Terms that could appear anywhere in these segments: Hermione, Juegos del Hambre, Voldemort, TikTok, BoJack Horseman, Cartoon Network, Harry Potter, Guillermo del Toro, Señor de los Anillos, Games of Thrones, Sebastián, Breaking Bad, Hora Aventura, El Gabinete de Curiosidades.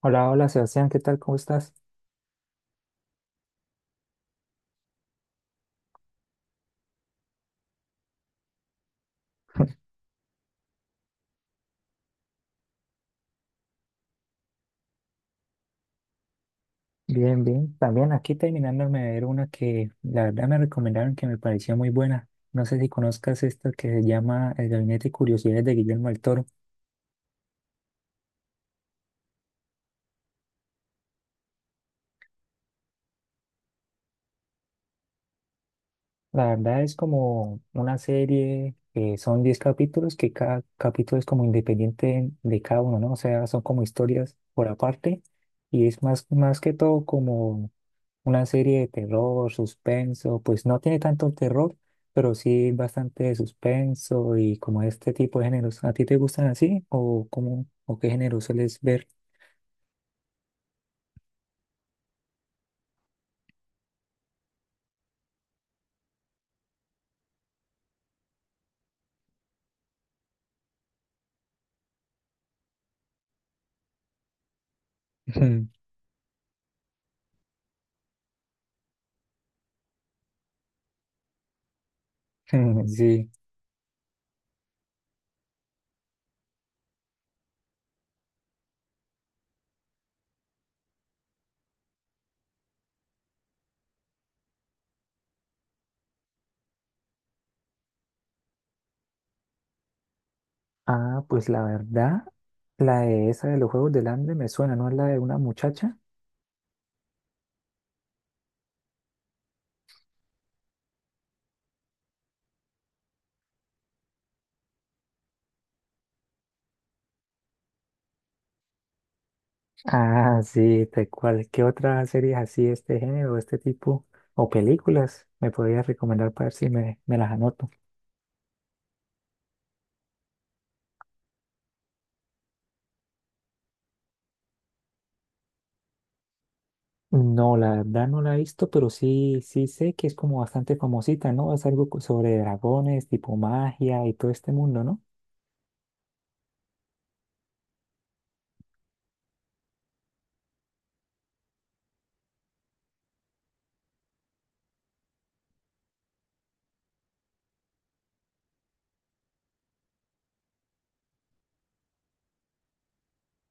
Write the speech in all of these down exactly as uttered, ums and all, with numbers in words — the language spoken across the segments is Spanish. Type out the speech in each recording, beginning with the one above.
Hola, hola Sebastián, ¿qué tal? ¿Cómo estás? Bien, bien. También aquí terminándome de ver una que la verdad me recomendaron que me pareció muy buena. No sé si conozcas esta que se llama El Gabinete de Curiosidades de Guillermo del Toro. La verdad es como una serie que son diez capítulos, que cada capítulo es como independiente de cada uno, ¿no? O sea, son como historias por aparte y es más, más que todo como una serie de terror, suspenso, pues no tiene tanto terror, pero sí bastante de suspenso y como este tipo de géneros. ¿A ti te gustan así o cómo o qué género sueles ver? Sí. Ah, pues la verdad, la de esa de los Juegos del Hambre me suena, ¿no es la de una muchacha? Ah, sí, tal cual. ¿Qué otra serie así de este género, de este tipo o películas me podrías recomendar para ver si me, me las anoto? No, la verdad no la he visto, pero sí, sí sé que es como bastante famosita, ¿no? Es algo co- sobre dragones, tipo magia y todo este mundo, ¿no?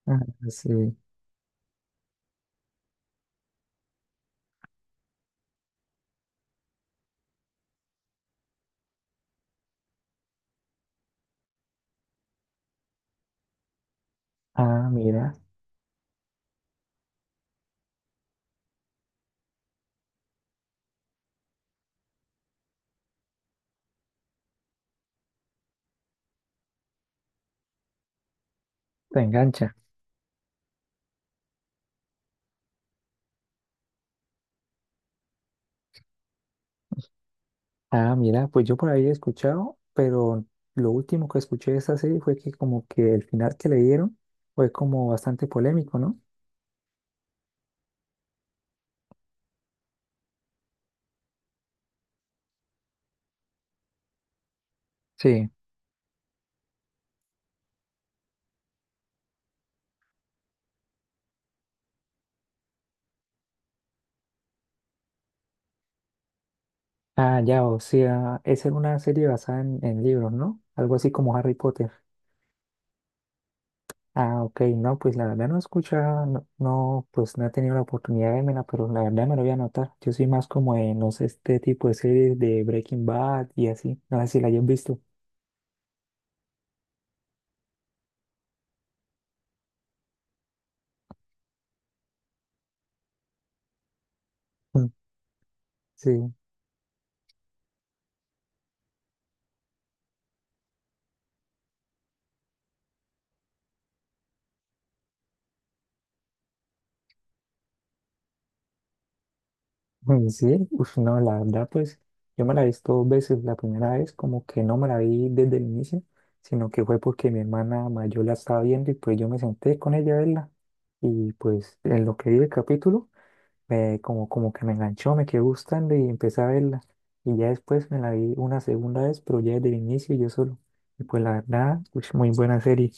Ah, sí. Ah, mira. Te engancha. Ah, mira, pues yo por ahí he escuchado, pero lo último que escuché de esa serie fue que como que el final que le dieron fue como bastante polémico, ¿no? Sí. Ah, ya, o sea, es en una serie basada en, en libros, ¿no? Algo así como Harry Potter. Ah, ok, no, pues la verdad no escucha, no, no, pues no he tenido la oportunidad de verla, pero la verdad me lo voy a anotar. Yo soy más como de, no sé, este tipo de series de Breaking Bad y así, no sé si la hayas visto. Mm, sí, mm, sí, uf, no, la verdad, pues yo me la he visto dos veces. La primera vez como que no me la vi desde el inicio, sino que fue porque mi hermana mayor la estaba viendo y pues yo me senté con ella a verla. Y pues en lo que vi el capítulo me- como, como que me enganchó, me quedó gustando y empecé a verla. Y ya después me la vi una segunda vez, pero ya desde el inicio yo solo. Y pues la verdad, pues muy buena serie.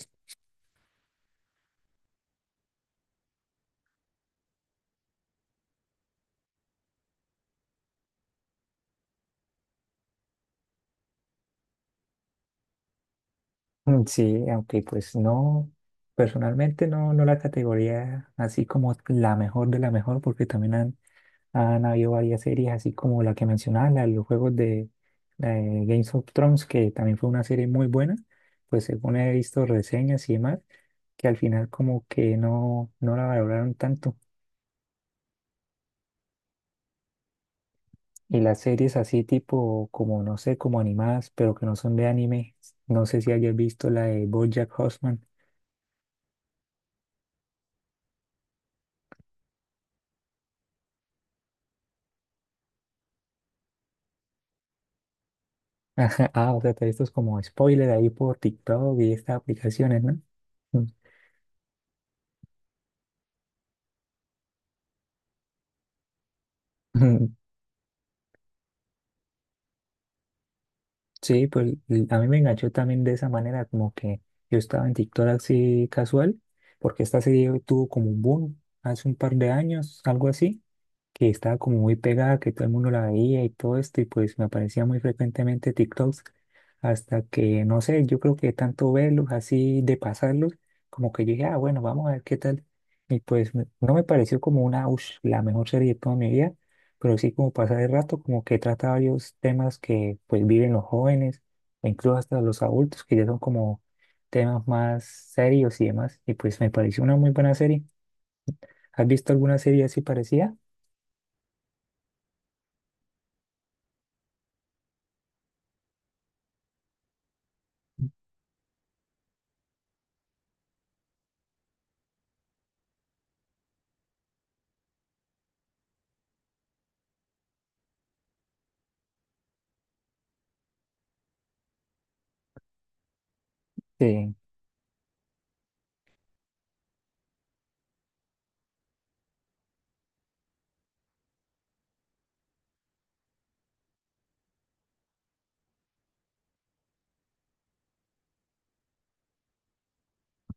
Mm, sí, aunque pues no, personalmente no, no la categoría así como la mejor de la mejor, porque también han, han habido varias series, así como la que mencionaba, la de los juegos de, eh, Games of Thrones, que también fue una serie muy buena, pues según he visto reseñas y demás, que al final como que no, no la valoraron tanto. Y las series así tipo, como no sé, como animadas, pero que no son de anime. No sé si hayas visto la de BoJack Horseman. Ah, o sea, te- esto es como spoiler ahí por TikTok y estas aplicaciones, ¿no? Mm. Sí, pues l- a mí me enganchó también de esa manera, como que yo estaba en TikTok así casual, porque esta serie tuvo como un boom hace un par de años, algo así, que estaba como muy pegada, que todo el mundo la veía y todo esto, y pues me aparecía muy frecuentemente TikToks, hasta que, no sé, yo creo que tanto verlos así de pasarlos, como que yo dije, ah, bueno, vamos a ver qué tal. Y pues me- no me pareció como una, ush, la mejor serie de toda mi vida, pero sí como pasar el rato, como que trata varios temas que pues viven los jóvenes, e incluso hasta los adultos, que ya son como temas más serios y demás, y pues me pareció una muy buena serie. ¿Has visto alguna serie así parecida? Sí.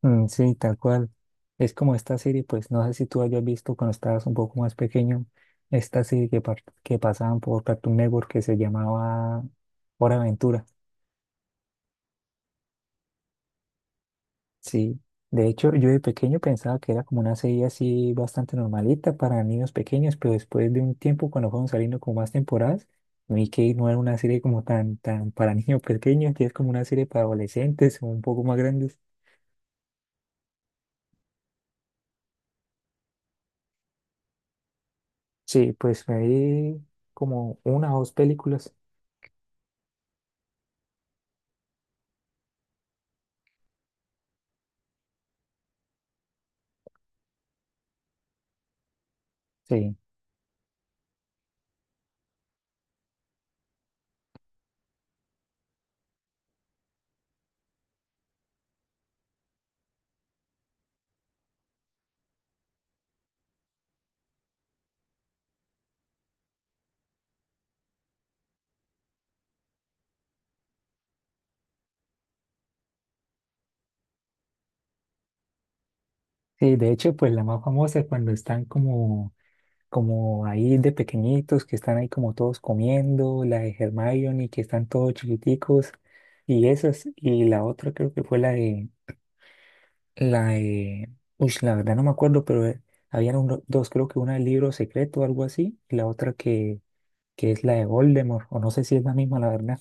Mm, sí, tal cual. Es como esta serie, pues no sé si tú hayas visto cuando estabas un poco más pequeño, esta serie que, par- que pasaban por Cartoon Network que se llamaba Hora Aventura. Sí, de hecho yo de pequeño pensaba que era como una serie así bastante normalita para niños pequeños, pero después de un tiempo cuando fueron saliendo como más temporadas, vi que no era una serie como tan, tan para niños pequeños, que es como una serie para adolescentes o un poco más grandes. Sí, pues me vi como una o dos películas. Sí. Sí, de hecho, pues la más famosa es cuando están como, como ahí de pequeñitos, que están ahí como todos comiendo, la de Hermione, que están todos chiquiticos, y esas, y la otra creo que fue la de, la de, uy, la verdad no me acuerdo, pero eh, habían uno- dos, creo que una del libro secreto o algo así, y la otra que, que es la de Voldemort, o no sé si es la misma, la verdad.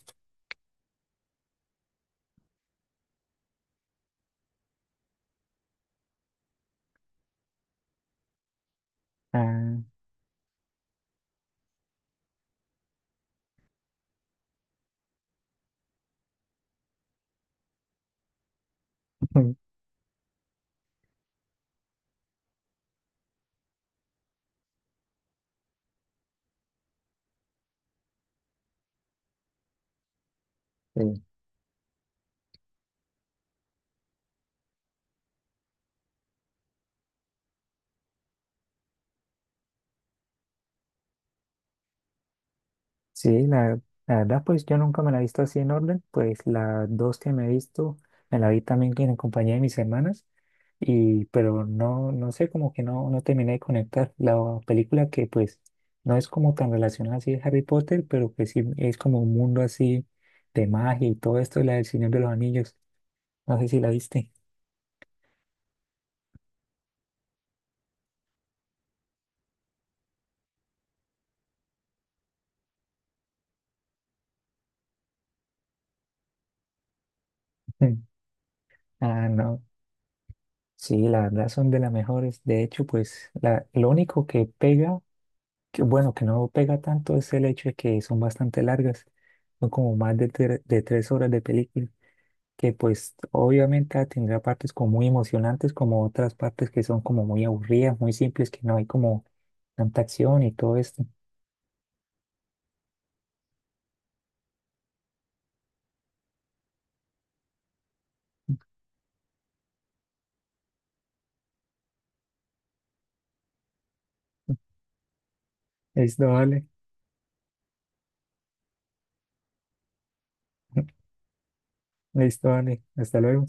Ah, sí, la, la verdad, pues yo nunca me la he visto así en orden, pues las dos que me he visto, me la vi también en compañía de mis hermanas, y, pero no, no sé, como que no, no terminé de conectar la película que pues no es como tan relacionada así de Harry Potter, pero que sí es como un mundo así de magia y todo esto, la del Señor de los Anillos, no sé si la viste. Ah, no, sí, la verdad son de las mejores, de hecho, pues la, lo único que pega que bueno, que no pega tanto es el hecho de que son bastante largas, son como más de, tre- de tres horas de película, que pues obviamente ah, tendrá partes como muy emocionantes, como otras partes que son como muy aburridas, muy simples, que no hay como tanta acción y todo esto. Listo, vale. Listo, vale. Hasta luego.